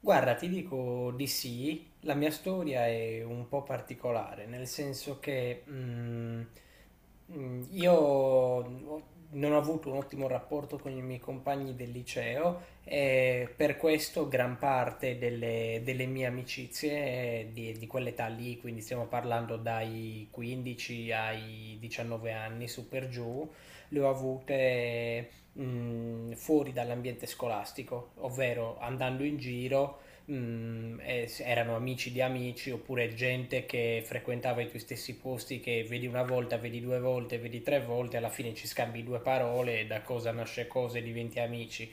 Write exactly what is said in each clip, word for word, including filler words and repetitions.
Guarda, ti dico di sì, la mia storia è un po' particolare, nel senso che mm, mm, io ho- non ho avuto un ottimo rapporto con i miei compagni del liceo e per questo gran parte delle, delle mie amicizie eh, di, di quell'età lì, quindi stiamo parlando dai quindici ai diciannove anni, su per giù, le ho avute... mm, fuori dall'ambiente scolastico, ovvero andando in giro mm, eh, erano amici di amici oppure gente che frequentava i tuoi stessi posti che vedi una volta, vedi due volte, vedi tre volte, alla fine ci scambi due parole e da cosa nasce cosa e diventi amici.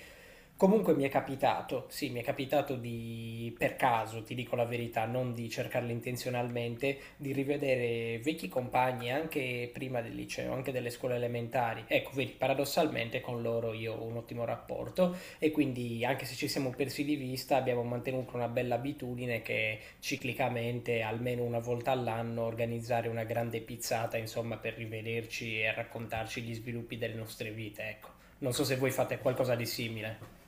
Comunque mi è capitato, sì, mi è capitato di, per caso, ti dico la verità, non di cercarlo intenzionalmente, di rivedere vecchi compagni anche prima del liceo, anche delle scuole elementari. Ecco, vedi, paradossalmente con loro io ho un ottimo rapporto e quindi anche se ci siamo persi di vista abbiamo mantenuto una bella abitudine che ciclicamente, almeno una volta all'anno, organizzare una grande pizzata, insomma, per rivederci e raccontarci gli sviluppi delle nostre vite, ecco. Non so se voi fate qualcosa di simile.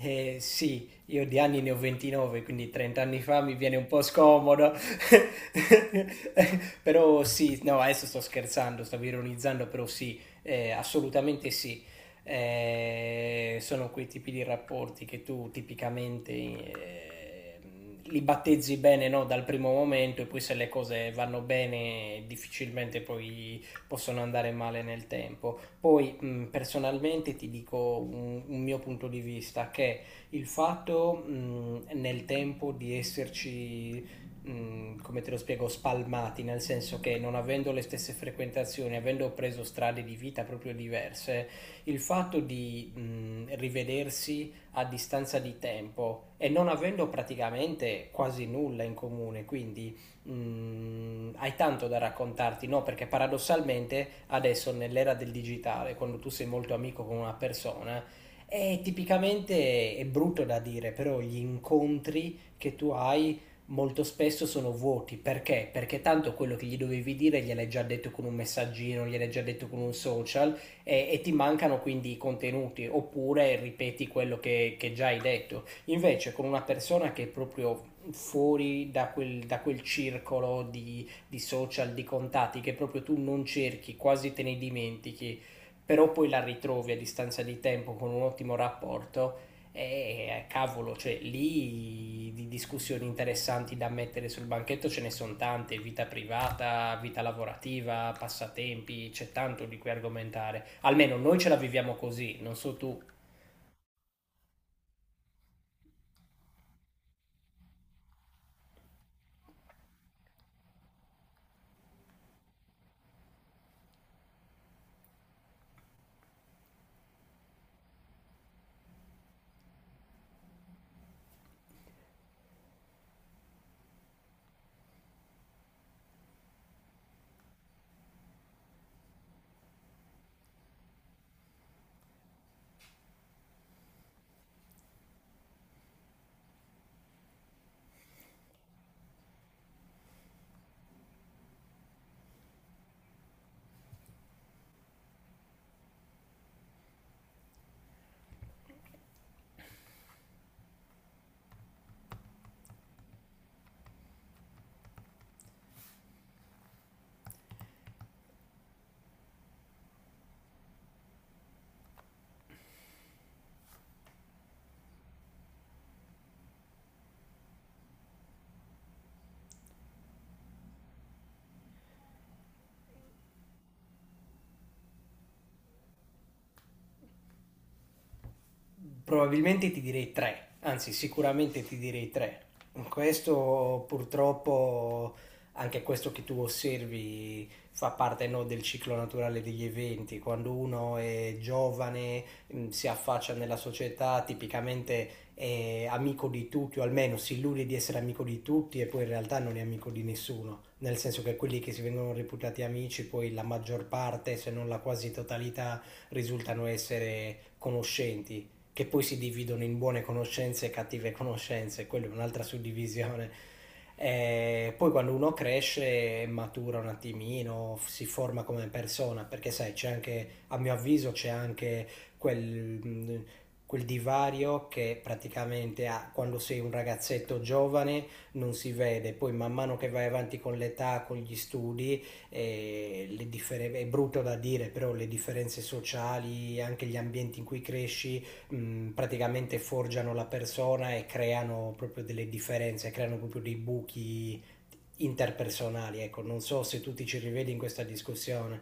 Eh sì, io di anni ne ho ventinove, quindi trenta anni fa mi viene un po' scomodo. Però sì, no, adesso sto scherzando, stavo ironizzando, però sì, eh, assolutamente sì. Eh, sono quei tipi di rapporti che tu tipicamente eh, li battezzi bene, no, dal primo momento e poi se le cose vanno bene difficilmente poi possono andare male nel tempo. Poi mh, personalmente ti dico un, un mio punto di vista, che il fatto mh, nel tempo di esserci, mh, come te lo spiego, spalmati, nel senso che non avendo le stesse frequentazioni, avendo preso strade di vita proprio diverse, il fatto di mh, rivedersi a distanza di tempo e non avendo praticamente quasi nulla in comune, quindi mh, hai tanto da raccontarti, no? Perché paradossalmente adesso nell'era del digitale, quando tu sei molto amico con una persona, è tipicamente è brutto da dire, però gli incontri che tu hai molto spesso sono vuoti. Perché? Perché tanto quello che gli dovevi dire gliel'hai già detto con un messaggino, gliel'hai già detto con un social e, e ti mancano quindi i contenuti oppure ripeti quello che, che già hai detto. Invece con una persona che è proprio fuori da quel, da quel circolo di, di social, di contatti che proprio tu non cerchi, quasi te ne dimentichi, però poi la ritrovi a distanza di tempo con un ottimo rapporto. E cavolo, cioè lì di discussioni interessanti da mettere sul banchetto ce ne sono tante, vita privata, vita lavorativa, passatempi, c'è tanto di cui argomentare. Almeno noi ce la viviamo così, non so tu. Probabilmente ti direi tre, anzi sicuramente ti direi tre. Questo purtroppo, anche questo che tu osservi, fa parte no, del ciclo naturale degli eventi. Quando uno è giovane, mh, si affaccia nella società, tipicamente è amico di tutti, o almeno si illude di essere amico di tutti e poi in realtà non è amico di nessuno. Nel senso che quelli che si vengono reputati amici, poi la maggior parte, se non la quasi totalità, risultano essere conoscenti che poi si dividono in buone conoscenze e cattive conoscenze, quella è un'altra suddivisione. E poi quando uno cresce matura un attimino, si forma come persona, perché sai, c'è anche, a mio avviso, c'è anche quel, quel divario che praticamente ha- quando sei un ragazzetto giovane non si vede, poi man mano che vai avanti con l'età, con gli studi, eh, le differ- è brutto da dire, però le differenze sociali, anche gli ambienti in cui cresci, mh, praticamente forgiano la persona e creano proprio delle differenze, creano proprio dei buchi interpersonali. Ecco, non so se tu ti ci rivedi in questa discussione,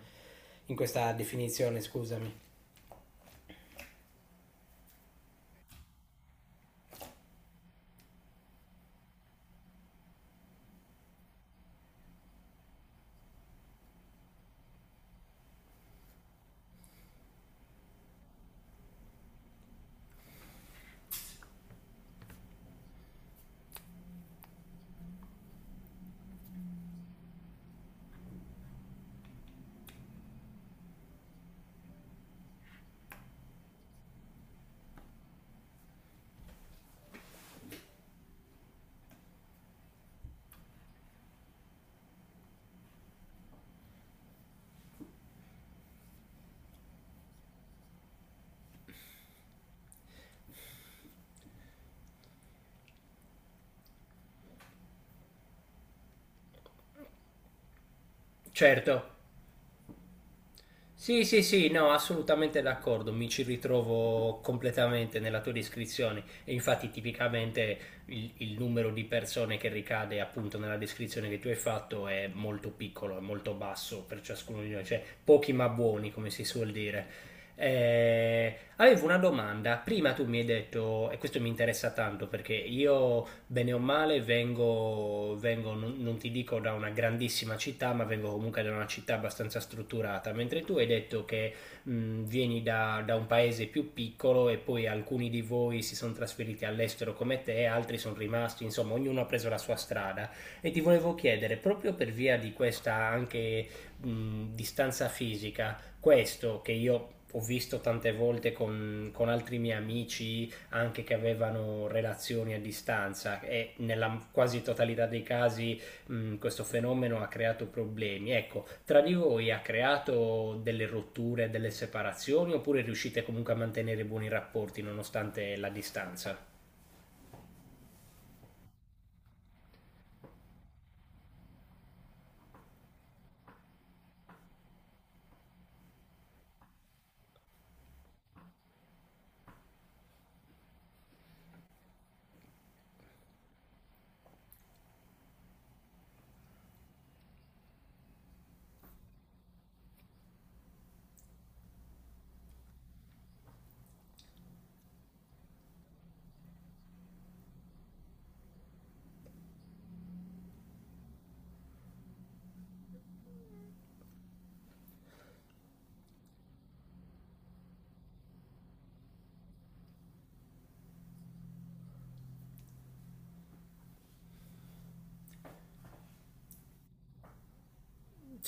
in questa definizione, scusami. Certo. Sì, sì, sì, no, assolutamente d'accordo, mi ci ritrovo completamente nella tua descrizione e infatti tipicamente il, il numero di persone che ricade appunto nella descrizione che tu hai fatto è molto piccolo, è molto basso per ciascuno di noi, cioè pochi ma buoni come si suol dire. Eh, avevo una domanda, prima tu mi hai detto, e questo mi interessa tanto perché io bene o male, vengo, vengo non, non ti dico da una grandissima città, ma vengo comunque da una città abbastanza strutturata, mentre tu hai detto che mh, vieni da, da un paese più piccolo e poi alcuni di voi si sono trasferiti all'estero come te, altri sono rimasti, insomma, ognuno ha preso la sua strada. E ti volevo chiedere, proprio per via di questa anche mh, distanza fisica, questo che io ho visto tante volte con, con altri miei amici anche che avevano relazioni a distanza e nella quasi totalità dei casi mh, questo fenomeno ha creato problemi. Ecco, tra di voi ha creato delle rotture, delle separazioni oppure riuscite comunque a mantenere buoni rapporti nonostante la distanza?